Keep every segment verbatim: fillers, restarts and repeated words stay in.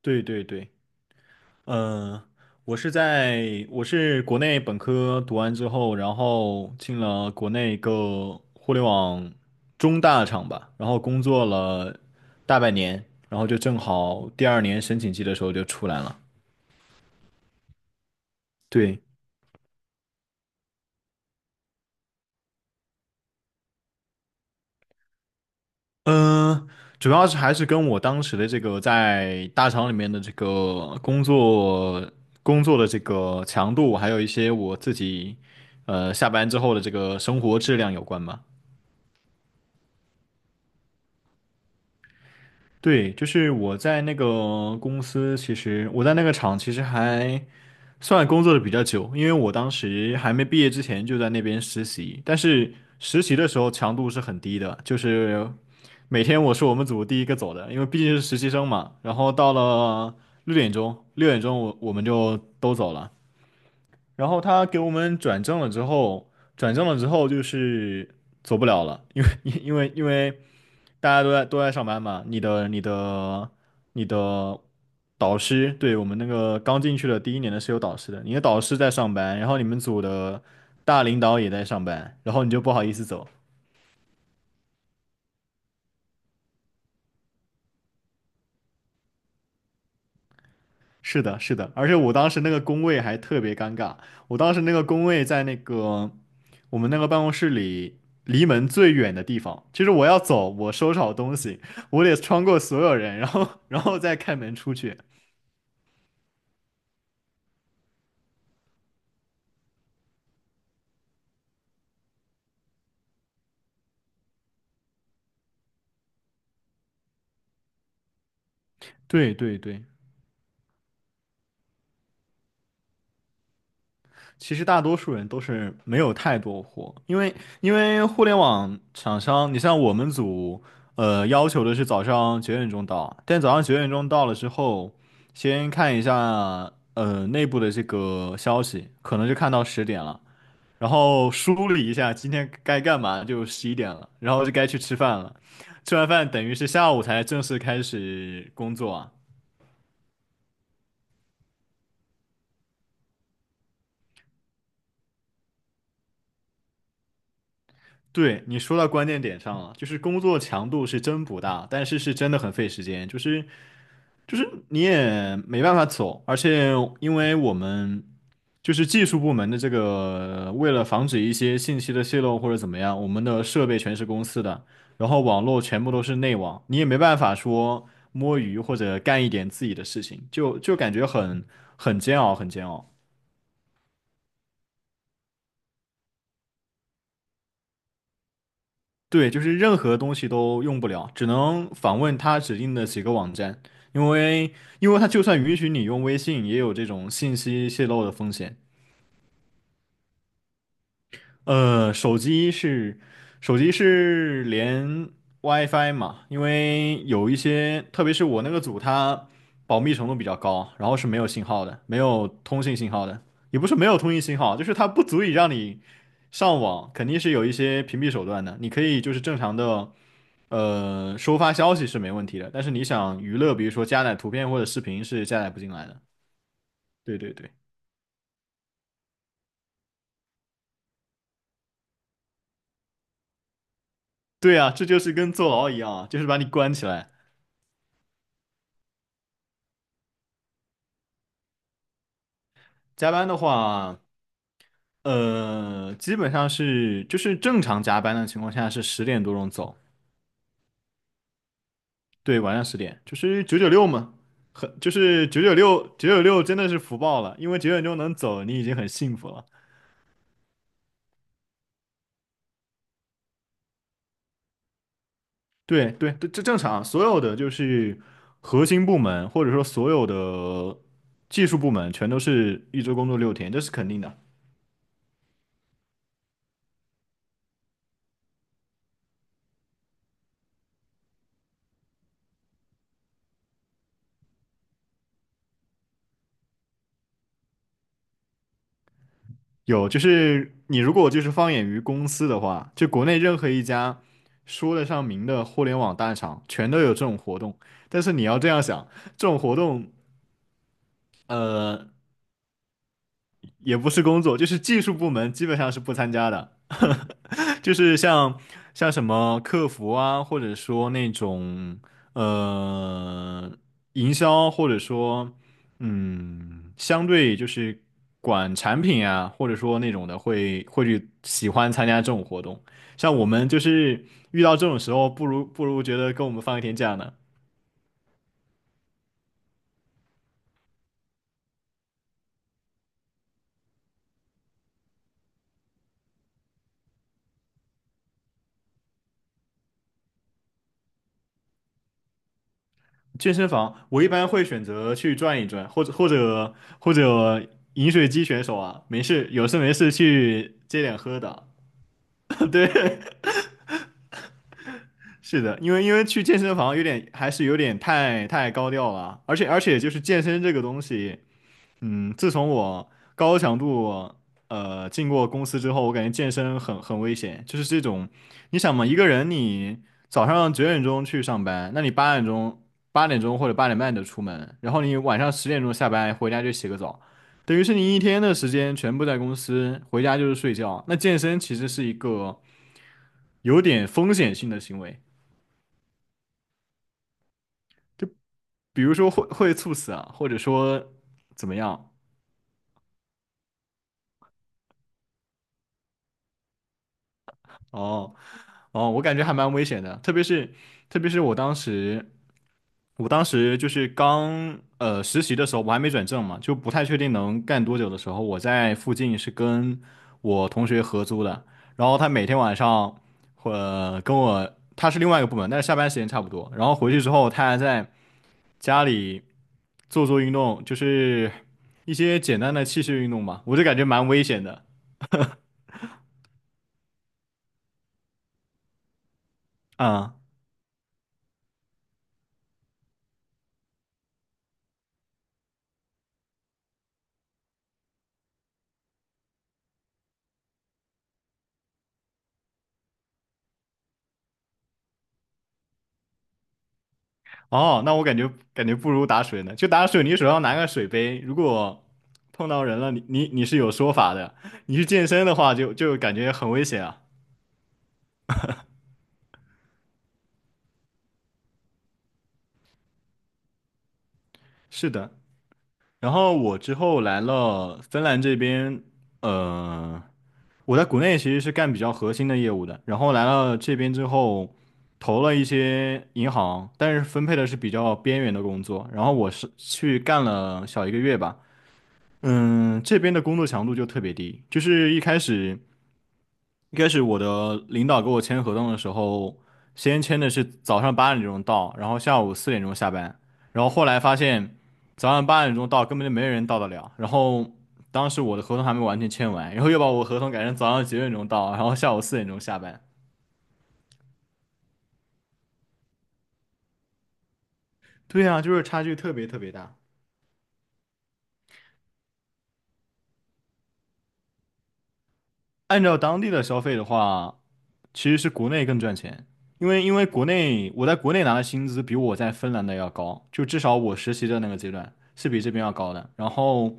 对对对，嗯、我是在我是国内本科读完之后，然后进了国内一个互联网中大厂吧，然后工作了大半年，然后就正好第二年申请季的时候就出来了。对，嗯、主要是还是跟我当时的这个在大厂里面的这个工作工作的这个强度，还有一些我自己呃下班之后的这个生活质量有关吧。对，就是我在那个公司，其实我在那个厂其实还算工作的比较久，因为我当时还没毕业之前就在那边实习，但是实习的时候强度是很低的，就是每天我是我们组第一个走的，因为毕竟是实习生嘛。然后到了六点钟，六点钟我我们就都走了。然后他给我们转正了之后，转正了之后就是走不了了，因为因为因为大家都在都在上班嘛，你的你的你的导师，对，我们那个刚进去的第一年的是有导师的，你的导师在上班，然后你们组的大领导也在上班，然后你就不好意思走。是的，是的，而且我当时那个工位还特别尴尬，我当时那个工位在那个我们那个办公室里离门最远的地方，就是我要走，我收拾好东西，我得穿过所有人，然后然后再开门出去。对对对。其实大多数人都是没有太多货，因为因为互联网厂商，你像我们组，呃，要求的是早上九点钟到，但早上九点钟到了之后，先看一下呃内部的这个消息，可能就看到十点了，然后梳理一下今天该干嘛，就十一点了，然后就该去吃饭了，吃完饭等于是下午才正式开始工作啊。对，你说到关键点上了，就是工作强度是真不大，但是是真的很费时间，就是就是你也没办法走，而且因为我们就是技术部门的这个，为了防止一些信息的泄露或者怎么样，我们的设备全是公司的，然后网络全部都是内网，你也没办法说摸鱼或者干一点自己的事情，就就感觉很很煎熬，很煎熬。对，就是任何东西都用不了，只能访问它指定的几个网站，因为因为它就算允许你用微信，也有这种信息泄露的风险。呃，手机是手机是连 WiFi 嘛，因为有一些，特别是我那个组，它保密程度比较高，然后是没有信号的，没有通信信号的，也不是没有通信信号，就是它不足以让你上网，肯定是有一些屏蔽手段的，你可以就是正常的。呃，收发消息是没问题的，但是你想娱乐，比如说加载图片或者视频是加载不进来的。对对对，对啊，这就是跟坐牢一样啊，就是把你关起来。加班的话，呃，基本上是就是正常加班的情况下是十点多钟走，对，晚上十点，就是九九六嘛，呃就是九九六九九六真的是福报了，因为九点钟能走，你已经很幸福了。对对，这这正常，所有的就是核心部门，或者说所有的技术部门，全都是一周工作六天，这是肯定的。有，就是你如果就是放眼于公司的话，就国内任何一家说得上名的互联网大厂，全都有这种活动。但是你要这样想，这种活动，呃，也不是工作，就是技术部门基本上是不参加的。就是像像什么客服啊，或者说那种呃营销，或者说嗯，相对就是管产品啊，或者说那种的会会去喜欢参加这种活动。像我们就是遇到这种时候，不如不如觉得跟我们放一天假呢。健身房我一般会选择去转一转，或者或者或者饮水机选手啊，没事有事没事去接点喝的。对。是的，因为因为去健身房有点还是有点太太高调了，而且而且就是健身这个东西，嗯，自从我高强度呃进过公司之后，我感觉健身很很危险，就是这种，你想嘛，一个人你早上九点钟去上班，那你八点钟八点钟或者八点半就出门，然后你晚上十点钟下班回家就洗个澡，等于是你一天的时间全部在公司，回家就是睡觉，那健身其实是一个有点风险性的行为。就比如说会会猝死啊，或者说怎么样？哦哦，我感觉还蛮危险的，特别是特别是我当时，我当时就是刚呃实习的时候，我还没转正嘛，就不太确定能干多久的时候，我在附近是跟我同学合租的，然后他每天晚上会、呃、跟我，他是另外一个部门，但是下班时间差不多，然后回去之后他还在家里做做运动，就是一些简单的器械运动吧，我就感觉蛮危险的。啊、哦，那我感觉感觉不如打水呢，就打水，你手上拿个水杯，如果碰到人了，你你你是有说法的，你去健身的话就就感觉很危险啊。是的，然后我之后来了芬兰这边，呃。我在国内其实是干比较核心的业务的，然后来了这边之后，投了一些银行，但是分配的是比较边缘的工作。然后我是去干了小一个月吧，嗯，这边的工作强度就特别低，就是一开始一开始我的领导给我签合同的时候，先签的是早上八点钟到，然后下午四点钟下班，然后后来发现早上八点钟到根本就没人到得了，然后当时我的合同还没完全签完，然后又把我合同改成早上九点钟到，然后下午四点钟下班。对啊，就是差距特别特别大。按照当地的消费的话，其实是国内更赚钱，因为因为国内我在国内拿的薪资比我在芬兰的要高，就至少我实习的那个阶段是比这边要高的，然后。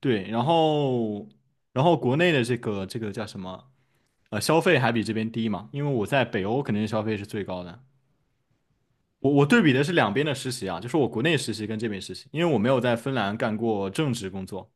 对，然后然后国内的这个这个叫什么？呃，消费还比这边低嘛，因为我在北欧肯定是消费是最高的。我我对比的是两边的实习啊，就是我国内实习跟这边实习，因为我没有在芬兰干过正职工作。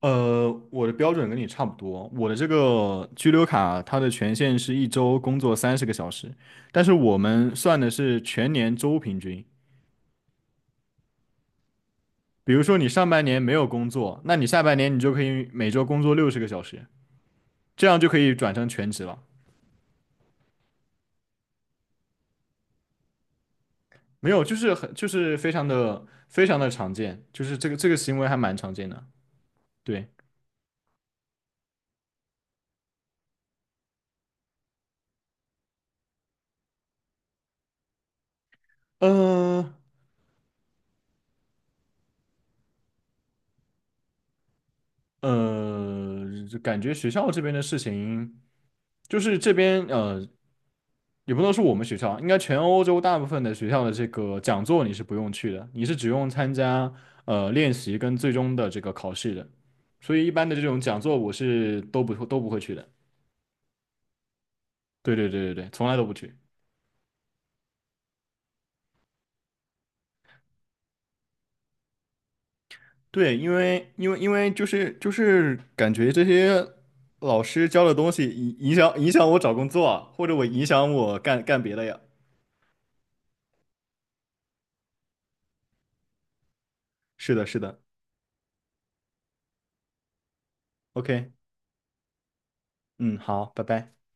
呃，我的标准跟你差不多，我的这个居留卡它的权限是一周工作三十个小时，但是我们算的是全年周平均。比如说你上半年没有工作，那你下半年你就可以每周工作六十个小时，这样就可以转成全职了。没有，就是很就是非常的非常的常见，就是这个这个行为还蛮常见的。对，呃呃，就感觉学校这边的事情，就是这边呃，也不能说我们学校，应该全欧洲大部分的学校的这个讲座你是不用去的，你是只用参加呃练习跟最终的这个考试的，所以一般的这种讲座我是都不都不会去的。对对对对对，从来都不去。对，因为因为因为就是就是感觉这些老师教的东西影影响影响我找工作啊，或者我影响我干干别的呀。是的，是的。OK,嗯，好，拜拜。